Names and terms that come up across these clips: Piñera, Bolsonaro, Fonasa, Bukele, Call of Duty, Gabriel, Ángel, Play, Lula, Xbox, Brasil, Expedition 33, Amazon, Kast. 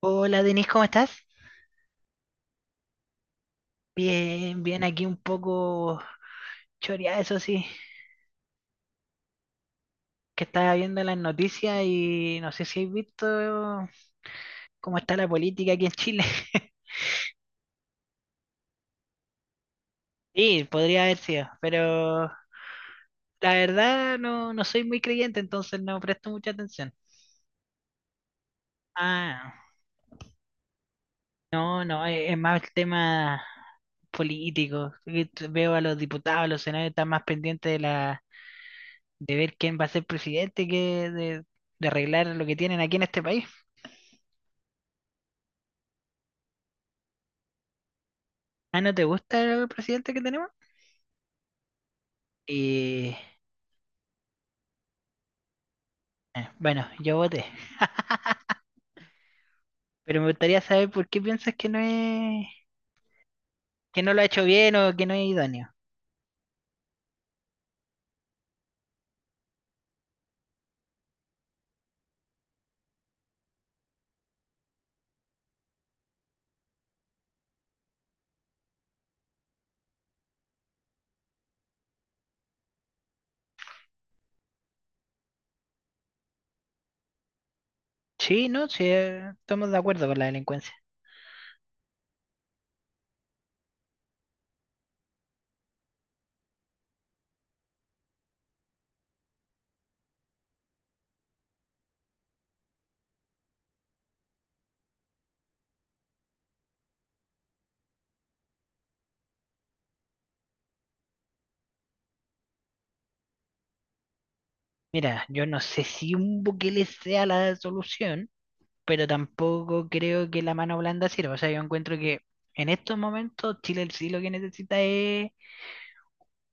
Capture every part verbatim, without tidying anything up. Hola Denise, ¿cómo estás? Bien, bien, aquí un poco choreada, eso sí, que estaba viendo las noticias y no sé si has visto cómo está la política aquí en Chile. Sí, podría haber sido, pero la verdad no, no soy muy creyente, entonces no presto mucha atención. Ah, no, no, es, es más el tema político. que t- Veo a los diputados, a los senadores están más pendientes de la, de ver quién va a ser presidente que de de arreglar lo que tienen aquí en este país. Ah, ¿no te gusta el presidente que tenemos? Y eh, bueno, yo voté. Pero me gustaría saber por qué piensas que no es, que no lo ha hecho bien o que no es idóneo. Sí, no, sí, eh, estamos de acuerdo con la delincuencia. Mira, yo no sé si un Bukele sea la solución, pero tampoco creo que la mano blanda sirva. O sea, yo encuentro que en estos momentos Chile sí lo que necesita es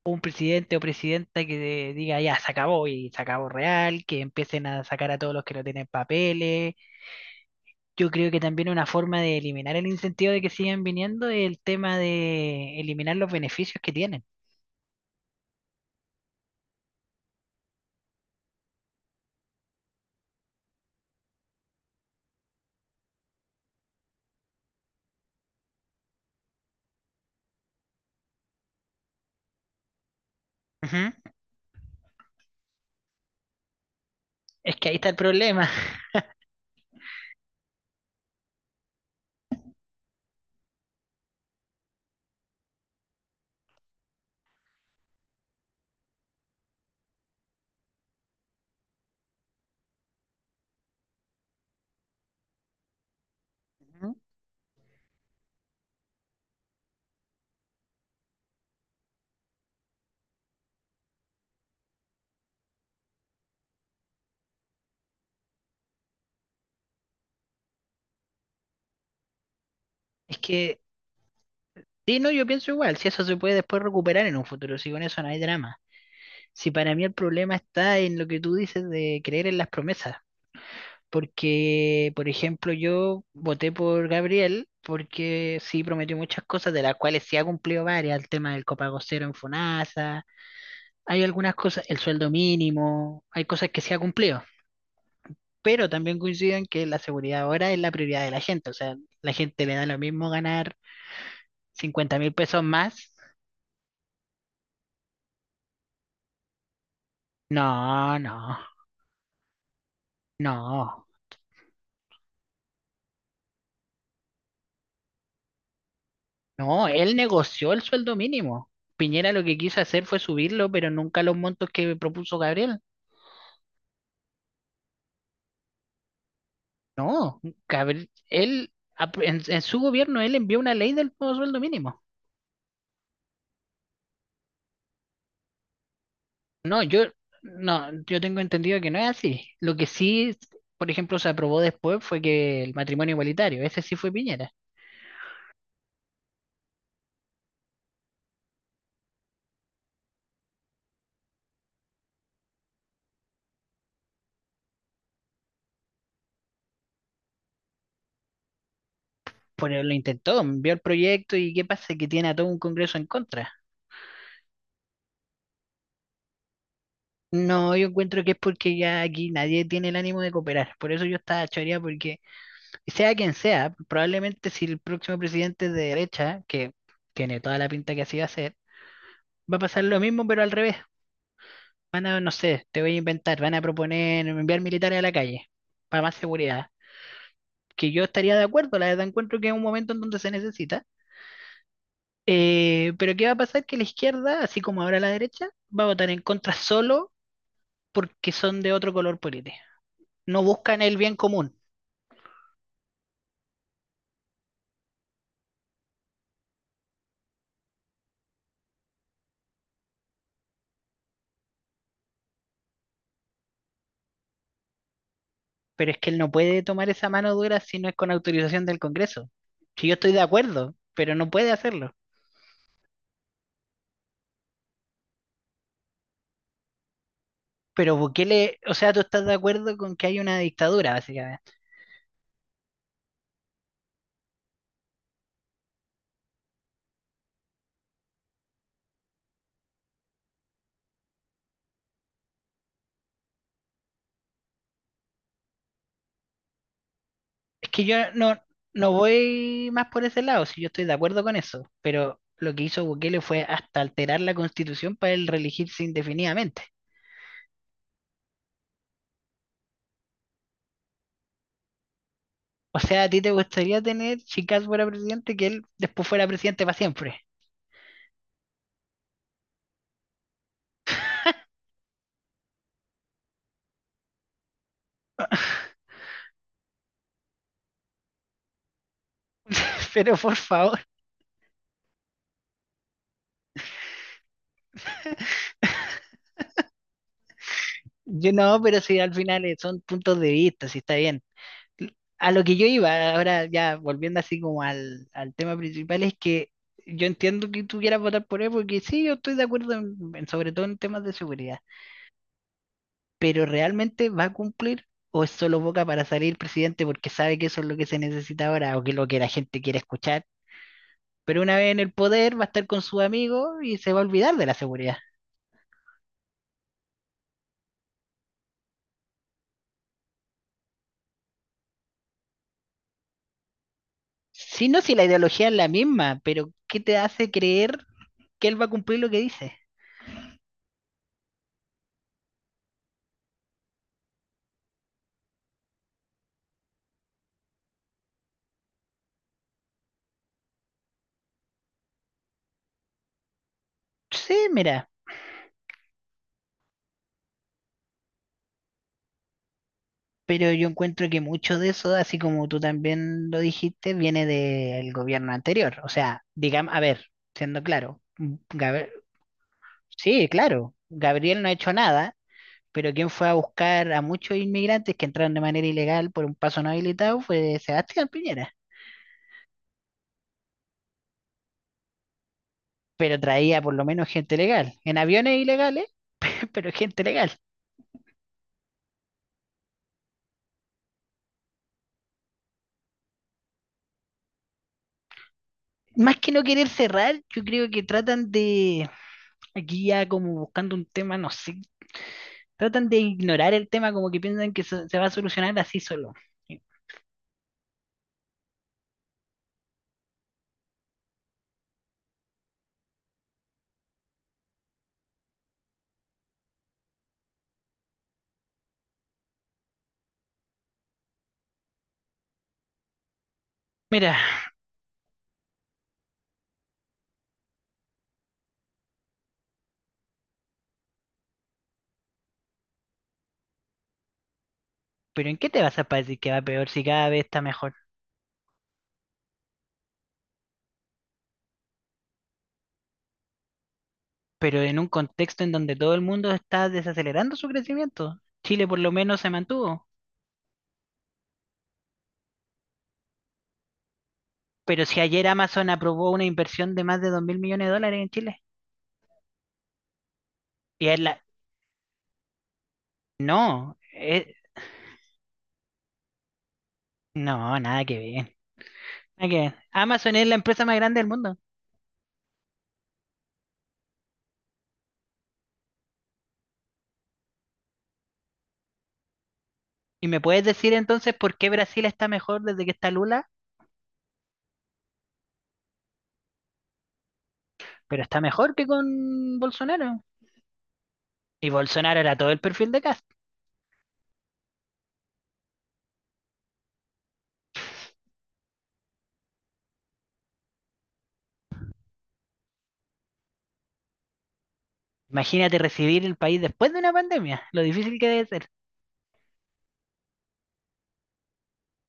un presidente o presidenta que diga ya se acabó y se acabó real, que empiecen a sacar a todos los que no tienen papeles. Yo creo que también una forma de eliminar el incentivo de que sigan viniendo es el tema de eliminar los beneficios que tienen. Ujú. Es que ahí está el problema. Ujú. Es que, sí, no, yo pienso igual, si eso se puede después recuperar en un futuro, si con eso no hay drama. Si para mí el problema está en lo que tú dices de creer en las promesas. Porque, por ejemplo, yo voté por Gabriel porque sí prometió muchas cosas, de las cuales sí ha cumplido varias, el tema del copago cero en Fonasa, hay algunas cosas, el sueldo mínimo, hay cosas que sí ha cumplido, pero también coinciden que la seguridad ahora es la prioridad de la gente, o sea, la gente le da lo mismo ganar cincuenta mil pesos más. No, no, no, no, él negoció el sueldo mínimo. Piñera lo que quiso hacer fue subirlo, pero nunca los montos que propuso Gabriel. No, Gabriel, él, ap- en, en su gobierno, él envió una ley del nuevo sueldo mínimo. No, yo, no, yo tengo entendido que no es así. Lo que sí, por ejemplo, se aprobó después fue que el matrimonio igualitario, ese sí fue Piñera. Pero lo intentó, envió el proyecto y ¿qué pasa? Que tiene a todo un Congreso en contra. No, yo encuentro que es porque ya aquí nadie tiene el ánimo de cooperar. Por eso yo estaba choreada, porque sea quien sea, probablemente si el próximo presidente es de derecha, que tiene toda la pinta que así va a ser, va a pasar lo mismo, pero al revés. Van a, no sé, te voy a inventar, van a proponer enviar militares a la calle para más seguridad. Que yo estaría de acuerdo, la verdad, encuentro que es un momento en donde se necesita. Eh, pero ¿qué va a pasar? Que la izquierda, así como ahora la derecha, va a votar en contra solo porque son de otro color político. No buscan el bien común, pero es que él no puede tomar esa mano dura si no es con autorización del Congreso. Si yo estoy de acuerdo, pero no puede hacerlo. Pero Bukele, o sea, tú estás de acuerdo con que hay una dictadura, básicamente. Es que yo no, no voy más por ese lado, si yo estoy de acuerdo con eso, pero lo que hizo Bukele fue hasta alterar la constitución para él reelegirse indefinidamente. O sea, a ti te gustaría tener, si Kast fuera presidente, que él después fuera presidente para siempre. Pero por favor, yo no, pero si al final eh, son puntos de vista, si está bien. A lo que yo iba, ahora ya volviendo así como al, al tema principal, es que yo entiendo que tú quieras votar por él, porque sí, yo estoy de acuerdo, en- en- sobre todo en temas de seguridad, pero ¿realmente va a cumplir? ¿O es solo boca para salir presidente porque sabe que eso es lo que se necesita ahora o que es lo que la gente quiere escuchar? Pero una vez en el poder va a estar con sus amigos y se va a olvidar de la seguridad. Si no, si la ideología es la misma, pero ¿qué te hace creer que él va a cumplir lo que dice? Sí, mira, pero yo encuentro que mucho de eso, así como tú también lo dijiste, viene del gobierno anterior. O sea, digamos, a ver, siendo claro, Gab- sí, claro, Gabriel no ha hecho nada. Pero quien fue a buscar a muchos inmigrantes que entraron de manera ilegal por un paso no habilitado fue Sebastián Piñera. Pero traía por lo menos gente legal, en aviones ilegales, pero gente legal. Más que no querer cerrar, yo creo que tratan de, aquí ya como buscando un tema, no sé, tratan de ignorar el tema como que piensan que se se va a solucionar así solo. Mira, pero ¿en qué te vas a decir que va peor si cada vez está mejor? Pero en un contexto en donde todo el mundo está desacelerando su crecimiento. Chile por lo menos se mantuvo. Pero si ayer Amazon aprobó una inversión de más de dos mil millones de dólares en Chile, y es la... No, eh, no, nada que ver. Nada que ver. Amazon es la empresa más grande del mundo. ¿Y me puedes decir entonces por qué Brasil está mejor desde que está Lula? Pero está mejor que con Bolsonaro. Y Bolsonaro era todo el perfil de Cast. Imagínate recibir el país después de una pandemia, lo difícil que debe ser.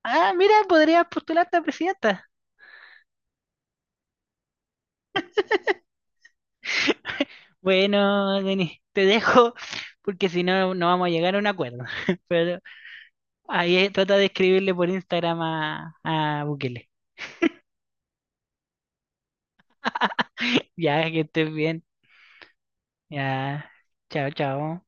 Ah, mira, podrías postularte a presidenta. Bueno, Denis, te dejo porque si no, no vamos a llegar a un acuerdo. Pero ahí eh, trata de escribirle por Instagram a, a Bukele. Ya, que estés bien. Ya. Chao, chao.